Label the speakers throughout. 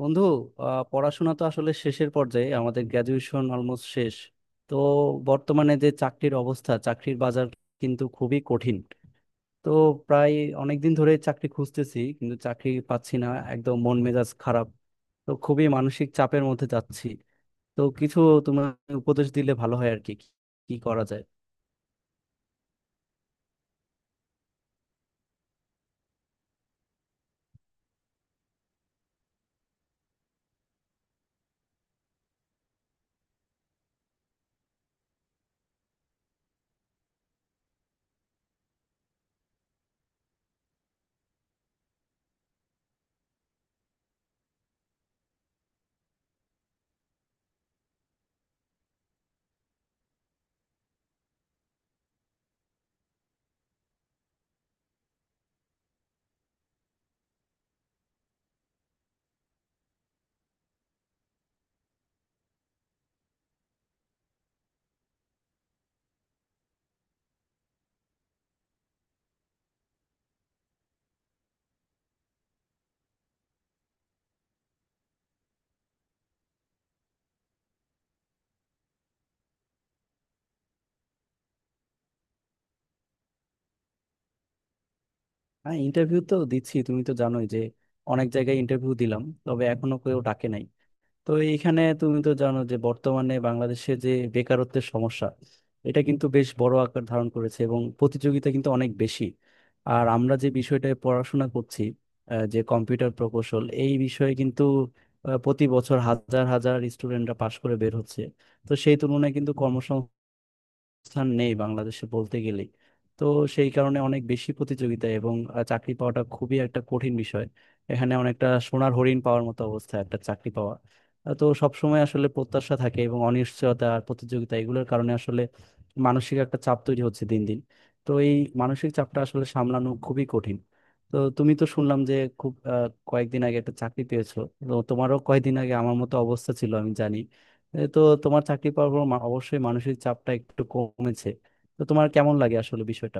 Speaker 1: বন্ধু, পড়াশোনা তো আসলে শেষের পর্যায়ে, আমাদের গ্র্যাজুয়েশন অলমোস্ট শেষ। তো বর্তমানে যে চাকরির অবস্থা, চাকরির বাজার কিন্তু খুবই কঠিন। তো প্রায় অনেক দিন ধরে চাকরি খুঁজতেছি, কিন্তু চাকরি পাচ্ছি না। একদম মন মেজাজ খারাপ। তো খুবই মানসিক চাপের মধ্যে যাচ্ছি। তো কিছু তোমার উপদেশ দিলে ভালো হয়, আর কি কি কি করা যায়। হ্যাঁ, ইন্টারভিউ তো দিচ্ছি, তুমি তো জানোই যে অনেক জায়গায় ইন্টারভিউ দিলাম, তবে এখনো কেউ ডাকে নাই। তো এইখানে তুমি তো জানো যে বর্তমানে বাংলাদেশে যে বেকারত্বের সমস্যা, এটা কিন্তু বেশ বড় আকার ধারণ করেছে, এবং প্রতিযোগিতা কিন্তু অনেক বেশি। আর আমরা যে বিষয়টায় পড়াশোনা করছি, যে কম্পিউটার প্রকৌশল, এই বিষয়ে কিন্তু প্রতি বছর হাজার হাজার স্টুডেন্টরা পাশ করে বের হচ্ছে। তো সেই তুলনায় কিন্তু স্থান নেই বাংলাদেশে বলতে গেলে। তো সেই কারণে অনেক বেশি প্রতিযোগিতা, এবং চাকরি পাওয়াটা খুবই একটা কঠিন বিষয়। এখানে অনেকটা সোনার হরিণ পাওয়ার মতো অবস্থা একটা চাকরি পাওয়া। তো সবসময় আসলে প্রত্যাশা থাকে, এবং অনিশ্চয়তা আর প্রতিযোগিতা এগুলোর কারণে আসলে মানসিক একটা চাপ তৈরি হচ্ছে দিন দিন। তো এই মানসিক চাপটা আসলে সামলানো খুবই কঠিন। তো তুমি তো শুনলাম যে খুব কয়েকদিন আগে একটা চাকরি পেয়েছো। তো তোমারও কয়েকদিন আগে আমার মতো অবস্থা ছিল, আমি জানি। এই তো তোমার চাকরি পাওয়ার পর অবশ্যই মানসিক চাপটা একটু কমেছে। তো তোমার কেমন লাগে আসলে বিষয়টা?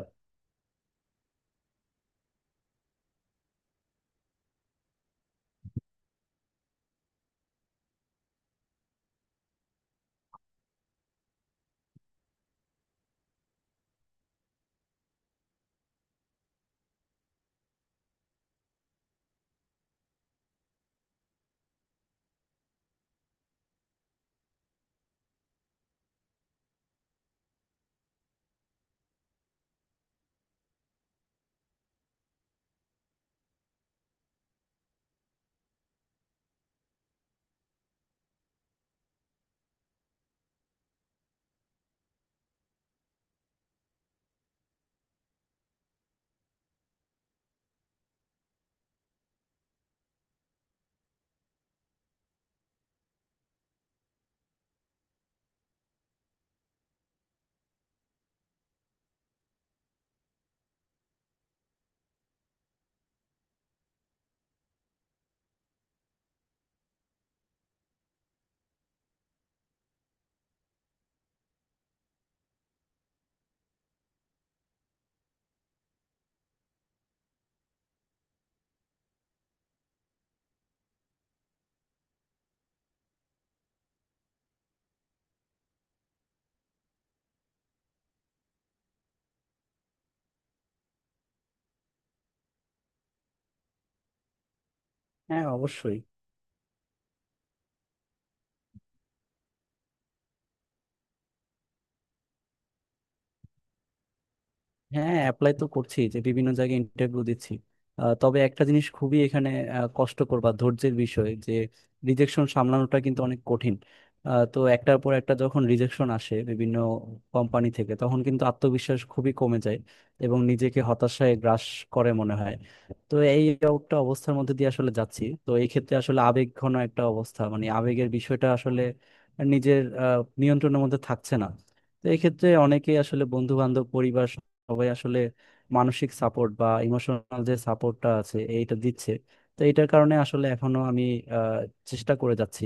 Speaker 1: হ্যাঁ, অবশ্যই। হ্যাঁ, অ্যাপ্লাই তো করছি, যে বিভিন্ন জায়গায় ইন্টারভিউ দিচ্ছি। তবে একটা জিনিস খুবই এখানে কষ্টকর বা ধৈর্যের বিষয়, যে রিজেকশন সামলানোটা কিন্তু অনেক কঠিন। তো একটার পর একটা যখন রিজেকশন আসে বিভিন্ন কোম্পানি থেকে, তখন কিন্তু আত্মবিশ্বাস খুবই কমে যায়, এবং নিজেকে হতাশায় গ্রাস করে মনে হয়। তো এই একটা অবস্থার মধ্যে দিয়ে আসলে যাচ্ছি। তো এই ক্ষেত্রে আসলে আবেগ ঘন একটা অবস্থা, মানে আবেগের বিষয়টা আসলে নিজের নিয়ন্ত্রণের মধ্যে থাকছে না। তো এক্ষেত্রে অনেকেই আসলে বন্ধু বান্ধব, সবাই আসলে মানসিক সাপোর্ট বা ইমোশনাল যে সাপোর্টটা আছে এইটা দিচ্ছে। তো এইটার কারণে আসলে এখনো আমি আহ, চেষ্টা করে যাচ্ছি।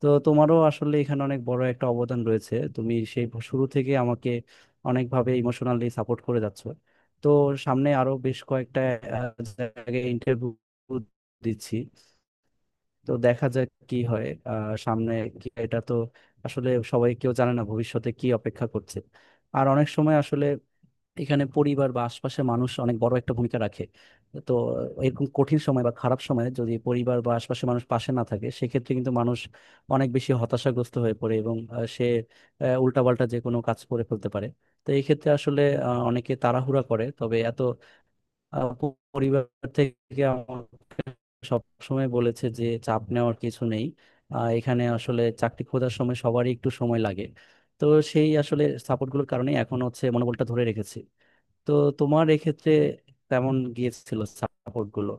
Speaker 1: তো তোমারও আসলে এখানে অনেক বড় একটা অবদান রয়েছে, তুমি সেই শুরু থেকে আমাকে অনেকভাবে ইমোশনালি সাপোর্ট করে যাচ্ছ। তো সামনে আরো বেশ কয়েকটা আহ, জায়গায় ইন্টারভিউ দিচ্ছি। তো দেখা যাক কি হয় সামনে কি। এটা তো আসলে সবাই, কেউ জানে না ভবিষ্যতে কি অপেক্ষা করছে। আর অনেক সময় আসলে এখানে পরিবার বা আশপাশের মানুষ অনেক বড় একটা ভূমিকা রাখে। তো এরকম কঠিন সময় বা খারাপ সময়ে যদি পরিবার বা আশপাশের মানুষ পাশে না থাকে, সেক্ষেত্রে কিন্তু মানুষ অনেক বেশি হতাশাগ্রস্ত হয়ে পড়ে, এবং সে উল্টাপাল্টা যে কোনো কাজ করে ফেলতে পারে। তো এই ক্ষেত্রে আসলে অনেকে তাড়াহুড়া করে, তবে এত পরিবার থেকে আমাকে সবসময় বলেছে যে চাপ নেওয়ার কিছু নেই। এখানে আসলে চাকরি খোঁজার সময় সবারই একটু সময় লাগে। তো সেই আসলে সাপোর্টগুলোর কারণে এখন হচ্ছে মনোবলটা ধরে রেখেছি। তো তোমার এক্ষেত্রে তেমন গিয়েছিল সাপোর্ট গুলো?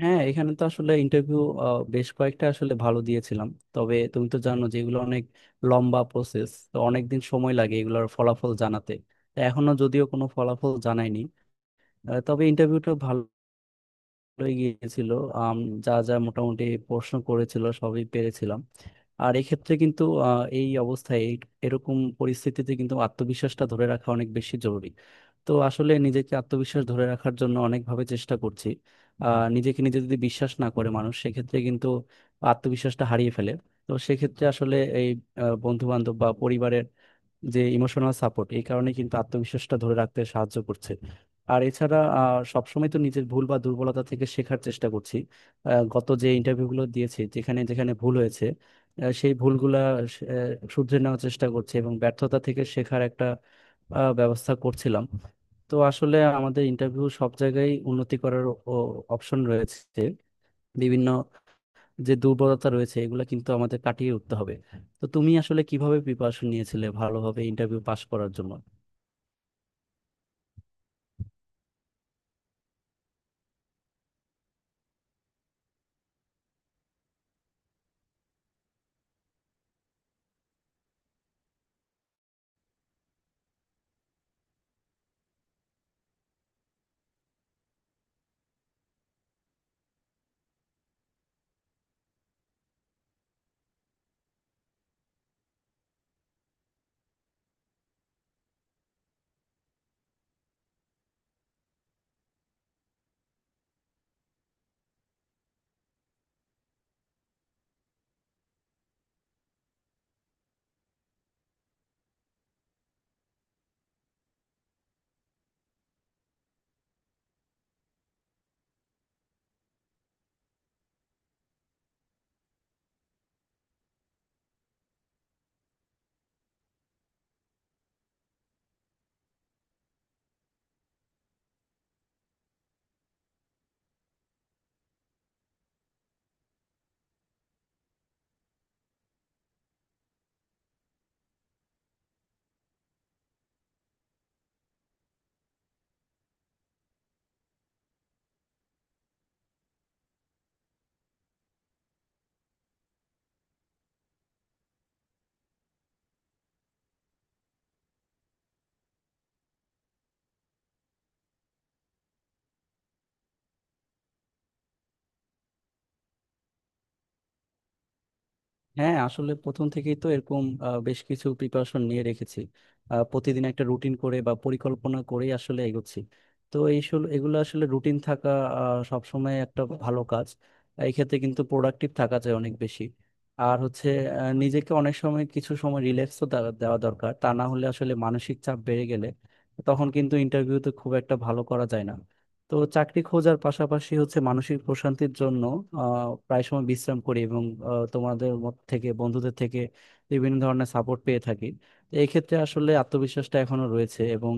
Speaker 1: হ্যাঁ, এখানে তো আসলে ইন্টারভিউ বেশ কয়েকটা আসলে ভালো দিয়েছিলাম। তবে তুমি তো জানো যে এগুলো অনেক লম্বা প্রসেস, তো অনেক দিন সময় লাগে এগুলোর ফলাফল জানাতে। তো এখনো যদিও কোনো ফলাফল জানায়নি, তবে ইন্টারভিউটা ভালো হয়ে গিয়েছিল। আম, যা যা মোটামুটি প্রশ্ন করেছিল সবই পেরেছিলাম। আর এক্ষেত্রে কিন্তু এই অবস্থায় এরকম পরিস্থিতিতে কিন্তু আত্মবিশ্বাসটা ধরে রাখা অনেক বেশি জরুরি। তো আসলে নিজেকে আত্মবিশ্বাস ধরে রাখার জন্য অনেকভাবে চেষ্টা করছি। নিজেকে নিজে যদি বিশ্বাস না করে মানুষ, সেক্ষেত্রে কিন্তু আত্মবিশ্বাসটা হারিয়ে ফেলে। তো সেক্ষেত্রে আসলে এই বন্ধু বান্ধব বা পরিবারের যে ইমোশনাল সাপোর্ট, এই কারণে কিন্তু আত্মবিশ্বাসটা ধরে রাখতে সাহায্য করছে। আর এছাড়া সবসময় তো নিজের ভুল বা দুর্বলতা থেকে শেখার চেষ্টা করছি। গত যে ইন্টারভিউগুলো দিয়েছি যেখানে যেখানে ভুল হয়েছে, সেই ভুলগুলা শুধরে নেওয়ার চেষ্টা করছি, এবং ব্যর্থতা থেকে শেখার একটা ব্যবস্থা করছিলাম। তো আসলে আমাদের ইন্টারভিউ সব জায়গায় উন্নতি করার অপশন রয়েছে। বিভিন্ন যে দুর্বলতা রয়েছে, এগুলো কিন্তু আমাদের কাটিয়ে উঠতে হবে। তো তুমি আসলে কিভাবে প্রিপারেশন নিয়েছিলে ভালোভাবে ইন্টারভিউ পাস করার জন্য? হ্যাঁ, আসলে প্রথম থেকেই তো এরকম বেশ কিছু প্রিপারেশন নিয়ে রেখেছি। প্রতিদিন একটা রুটিন করে বা পরিকল্পনা করেই আসলে এগোচ্ছি। তো এগুলো আসলে রুটিন থাকা সবসময় একটা ভালো কাজ। এই ক্ষেত্রে কিন্তু প্রোডাক্টিভ থাকা যায় অনেক বেশি। আর হচ্ছে নিজেকে অনেক সময় কিছু সময় রিল্যাক্সও দেওয়া দরকার, তা না হলে আসলে মানসিক চাপ বেড়ে গেলে তখন কিন্তু ইন্টারভিউতে খুব একটা ভালো করা যায় না। তো চাকরি খোঁজার পাশাপাশি হচ্ছে মানসিক প্রশান্তির জন্য প্রায় সময় বিশ্রাম করি, এবং তোমাদের মত থেকে, বন্ধুদের থেকে বিভিন্ন ধরনের সাপোর্ট পেয়ে থাকি। তো এই ক্ষেত্রে আসলে আত্মবিশ্বাসটা এখনো রয়েছে, এবং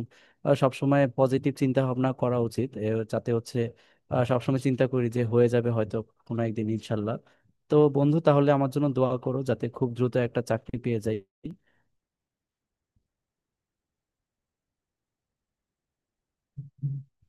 Speaker 1: সবসময় পজিটিভ চিন্তা ভাবনা করা উচিত এ, যাতে হচ্ছে সবসময় চিন্তা করি যে হয়ে যাবে হয়তো কোনো একদিন ইনশাল্লাহ। তো বন্ধু তাহলে আমার জন্য দোয়া করো, যাতে খুব দ্রুত একটা চাকরি পেয়ে যাই।